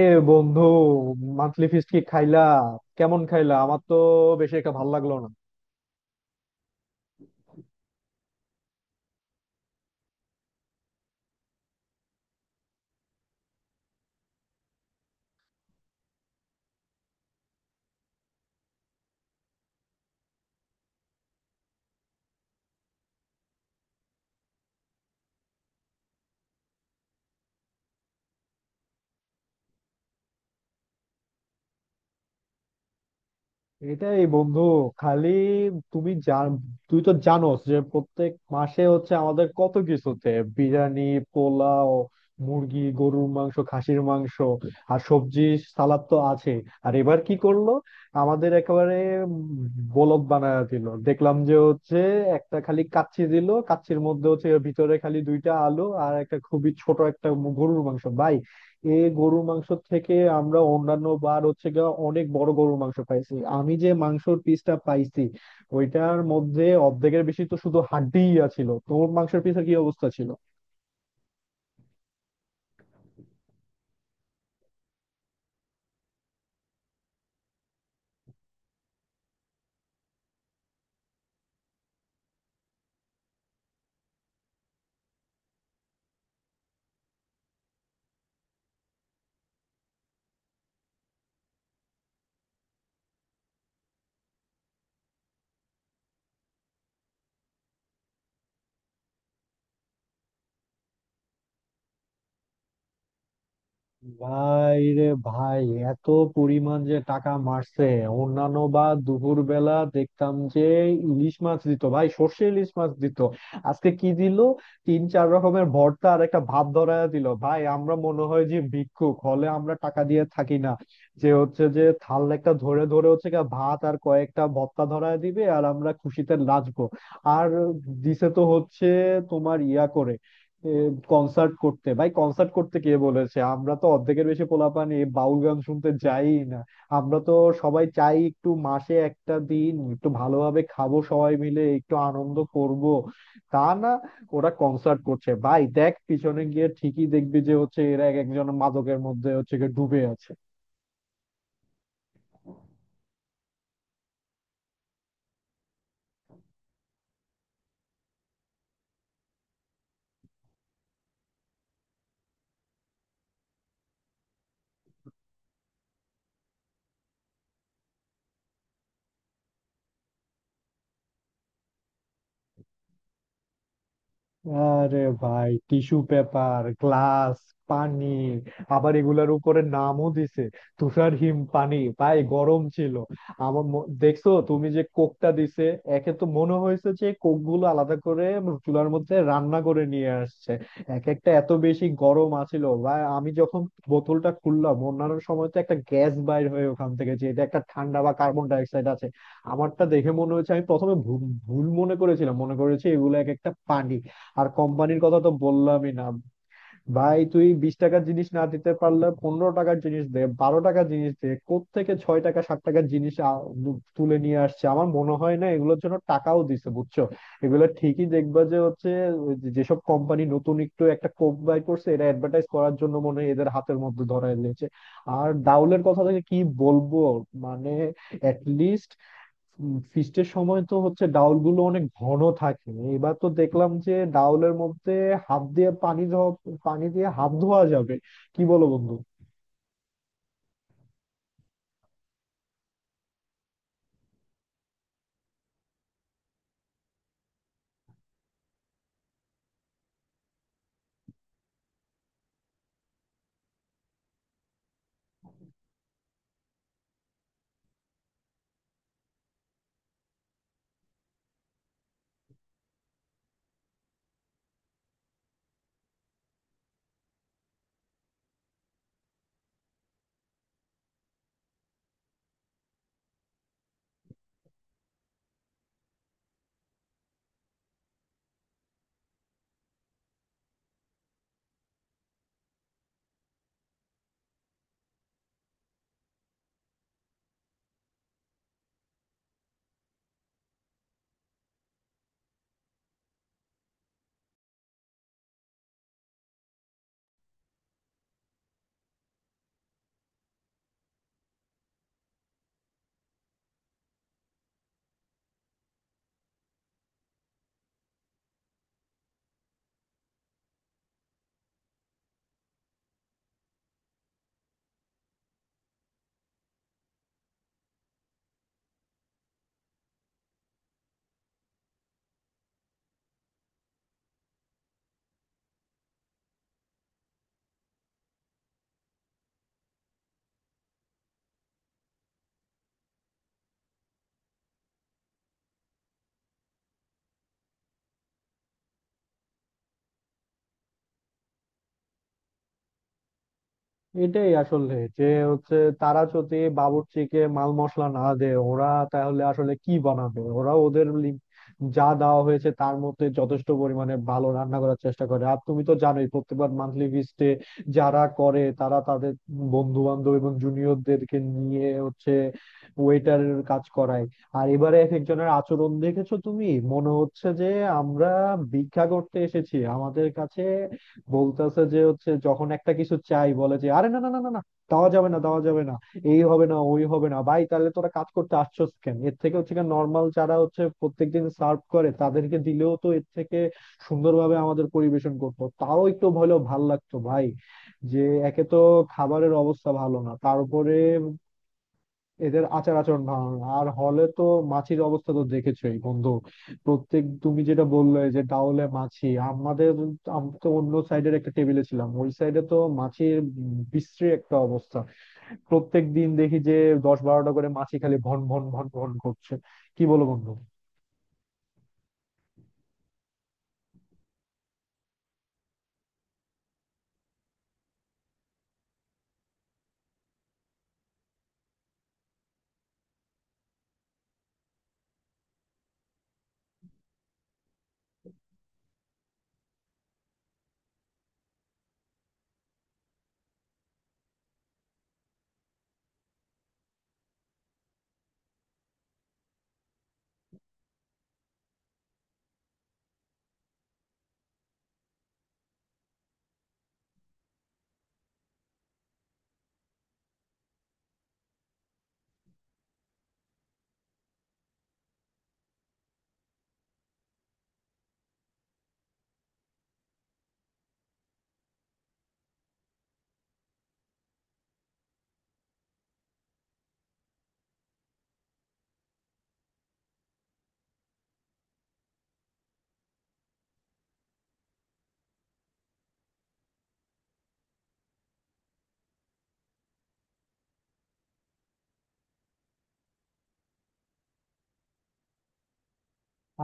এ বন্ধু, monthly feast কি খাইলা? কেমন খাইলা? আমার তো বেশি একটা ভালো লাগলো না। এটাই বন্ধু, খালি তুমি জান, তুই তো জানোস যে প্রত্যেক মাসে হচ্ছে আমাদের কত কিছুতে বিরিয়ানি, পোলাও, মুরগি, গরুর মাংস, খাসির মাংস আর সবজি, সালাদ তো আছে। আর এবার কি করলো আমাদের একেবারে উম বলদ বানায় দিল। দেখলাম যে হচ্ছে একটা খালি কাচ্চি দিল, কাচ্চির মধ্যে হচ্ছে ভিতরে খালি দুইটা আলু আর একটা খুবই ছোট একটা গরুর মাংস ভাই। এ, গরুর মাংস থেকে আমরা অন্যান্য বার হচ্ছে গিয়ে অনেক বড় গরুর মাংস পাইছি। আমি যে মাংসর পিসটা পাইছি ওইটার মধ্যে অর্ধেকের বেশি তো শুধু হাড্ডিই ছিল। তোর মাংসের পিসের কি অবস্থা ছিল? ভাই রে ভাই, এত পরিমাণ যে টাকা মারছে। অন্যান্য বা দুপুর বেলা দেখতাম যে ইলিশ মাছ দিত ভাই, সর্ষে ইলিশ মাছ দিত। আজকে কি দিল? তিন চার রকমের ভর্তা আর একটা ভাত ধরায় দিল ভাই। আমরা মনে হয় যে ভিক্ষুক, হলে আমরা টাকা দিয়ে থাকি না যে হচ্ছে যে থাল একটা ধরে ধরে হচ্ছে গিয়ে ভাত আর কয়েকটা ভর্তা ধরায় দিবে আর আমরা খুশিতে নাচবো। আর দিছে তো হচ্ছে তোমার ইয়া করে কনসার্ট করতে। ভাই কনসার্ট করতে কে বলেছে? আমরা তো অর্ধেকের বেশি পোলাপান এই বাউল গান শুনতে যাই না। আমরা তো সবাই চাই একটু মাসে একটা দিন একটু ভালোভাবে খাবো, সবাই মিলে একটু আনন্দ করব। তা না, ওরা কনসার্ট করছে ভাই। দেখ, পিছনে গিয়ে ঠিকই দেখবি যে হচ্ছে এরা এক একজন মাদকের মধ্যে হচ্ছে গিয়ে ডুবে আছে। আরে ভাই, টিস্যু পেপার, গ্লাস, পানি, আবার এগুলার উপরে নামও দিছে তুষার হিম পানি। ভাই গরম ছিল। দেখছো তুমি যে কোকটা দিছে? একে তো মনে হয়েছে যে কোক গুলো আলাদা করে চুলার মধ্যে রান্না করে নিয়ে আসছে। এক একটা এত বেশি গরম আছিল ভাই। আমি যখন বোতলটা খুললাম, অন্যান্য সময় তো একটা গ্যাস বাইর হয়ে ওখান থেকে যে এটা একটা ঠান্ডা বা কার্বন ডাই অক্সাইড আছে, আমারটা দেখে মনে হচ্ছে আমি প্রথমে ভুল ভুল মনে করেছিলাম, মনে করেছি এগুলো এক একটা পানি। আর কোম্পানির কথা তো বললামই না। ভাই তুই 20 টাকার জিনিস না দিতে পারলে 15 টাকার জিনিস দে, 12 টাকার জিনিস দে, কোত্থেকে ছয় টাকা, সাত টাকার জিনিস তুলে নিয়ে আসছে। আমার মনে হয় না এগুলোর জন্য টাকাও দিছে, বুঝছো? এগুলো ঠিকই দেখবা যে হচ্ছে যেসব কোম্পানি নতুন একটু একটা কোক বাই করছে, এটা অ্যাডভার্টাইজ করার জন্য মনে হয় এদের হাতের মধ্যে ধরায় দিয়েছে। আর ডাউলের কথা থেকে কি বলবো, মানে লিস্ট, ফিস্টের সময় তো হচ্ছে ডাউল গুলো অনেক ঘন থাকে, এবার তো দেখলাম যে ডাউলের মধ্যে হাত দিয়ে পানি ধোয়া, পানি দিয়ে হাত ধোয়া যাবে। কি বলো বন্ধু? এটাই আসলে যে হচ্ছে তারা যদি বাবুর্চিকে মাল মশলা না দেয় ওরা, তাহলে আসলে কি বানাবে ওরা? যা দেওয়া হয়েছে তার মধ্যে যথেষ্ট পরিমাণে ভালো রান্না করার চেষ্টা করে। আর তুমি তো জানোই প্রত্যেকবার মান্থলি ফিস্টে যারা করে তারা তাদের বন্ধু বান্ধব এবং জুনিয়রদেরকে নিয়ে হচ্ছে ওয়েটারের কাজ করায়। আর এবারে এক একজনের আচরণ দেখেছো তুমি? মনে হচ্ছে যে আমরা ভিক্ষা করতে এসেছি। আমাদের কাছে বলতেছে যে হচ্ছে, যখন একটা কিছু চাই বলে যে আরে না না না না না, দেওয়া যাবে না, দেওয়া যাবে না, এই হবে না, ওই হবে না। ভাই তাহলে তোরা কাজ করতে আসছোস কেন? এর থেকে হচ্ছে নর্মাল যারা হচ্ছে প্রত্যেকদিন সার্ভ করে তাদেরকে দিলেও তো এর থেকে সুন্দরভাবে আমাদের পরিবেশন করতো, তাও একটু হলেও ভাল লাগতো ভাই। যে একে তো খাবারের অবস্থা ভালো না, তারপরে এদের আচার আচরণ ভালো না। আর হলে তো মাছির অবস্থা তো দেখেছোই বন্ধু। প্রত্যেক তুমি যেটা বললে যে ডাউলে মাছি, আমাদের আমি তো অন্য সাইডের একটা টেবিলে ছিলাম, ওই সাইডে তো মাছির বিশ্রী একটা অবস্থা। প্রত্যেক দিন দেখি যে 10-12টা করে মাছি খালি ভন ভন ভন ভন করছে। কি বলো বন্ধু?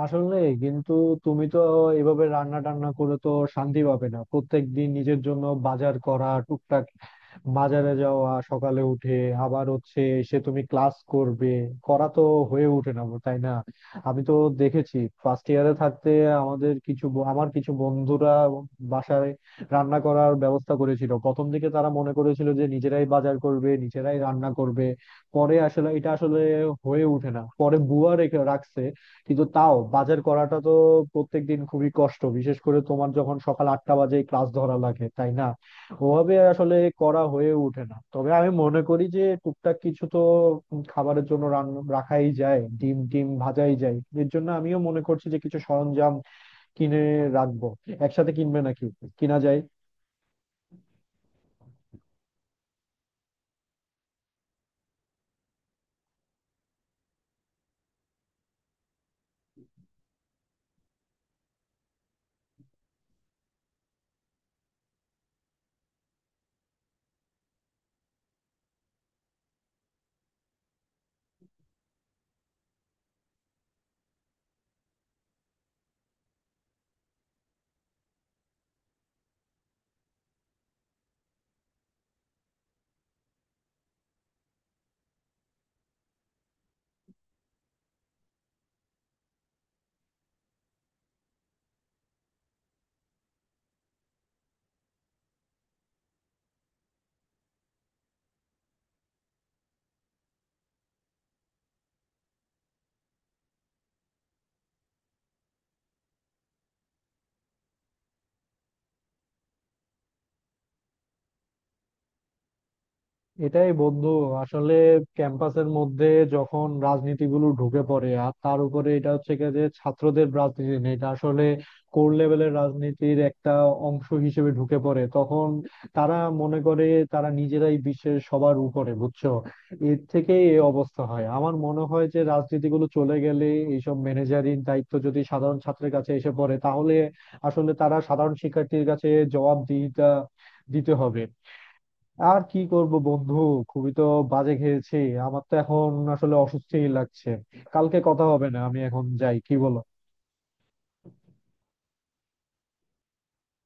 আসলে কিন্তু তুমি তো এভাবে রান্না টান্না করে তো শান্তি পাবে না। প্রত্যেক দিন নিজের জন্য বাজার করা, টুকটাক বাজারে যাওয়া, সকালে উঠে আবার হচ্ছে, সে তুমি ক্লাস করবে, করা তো হয়ে ওঠে না, তাই না? আমি তো দেখেছি ফার্স্ট ইয়ারে থাকতে আমার কিছু বন্ধুরা বাসায় রান্না করার ব্যবস্থা করেছিল। প্রথম দিকে তারা মনে করেছিল যে নিজেরাই বাজার করবে, নিজেরাই রান্না করবে, পরে আসলে এটা আসলে হয়ে ওঠে না, পরে বুয়া রেখে রাখছে। কিন্তু তাও বাজার করাটা তো প্রত্যেকদিন খুবই কষ্ট, বিশেষ করে তোমার যখন সকাল 8টা বাজে ক্লাস ধরা লাগে, তাই না? ওভাবে আসলে করা হয়ে ওঠে না। তবে আমি মনে করি যে টুকটাক কিছু তো খাবারের জন্য রান্না রাখাই যায়, ডিম টিম ভাজাই যায়। এর জন্য আমিও মনে করছি যে কিছু সরঞ্জাম কিনে রাখবো। একসাথে কিনবে নাকি? কিনা যায়। এটাই বন্ধু, আসলে ক্যাম্পাসের মধ্যে যখন রাজনীতিগুলো ঢুকে পড়ে, আর তার উপরে এটা হচ্ছে গিয়ে যে ছাত্রদের রাজনীতি না, এটা আসলে কোর লেভেলের রাজনীতির একটা অংশ হিসেবে ঢুকে পড়ে, তখন তারা মনে করে তারা নিজেরাই বিশ্বের সবার উপরে, বুঝছো? এর থেকে এই অবস্থা হয়। আমার মনে হয় যে রাজনীতিগুলো চলে গেলে এইসব ম্যানেজারিং দায়িত্ব যদি সাধারণ ছাত্রের কাছে এসে পড়ে, তাহলে আসলে তারা সাধারণ শিক্ষার্থীর কাছে জবাবদিহিতা দিতে হবে। আর কি করব বন্ধু, খুবই তো বাজে খেয়েছি। আমার তো এখন আসলে অসুস্থই লাগছে। কালকে কথা হবে, না আমি এখন যাই, কি বলো?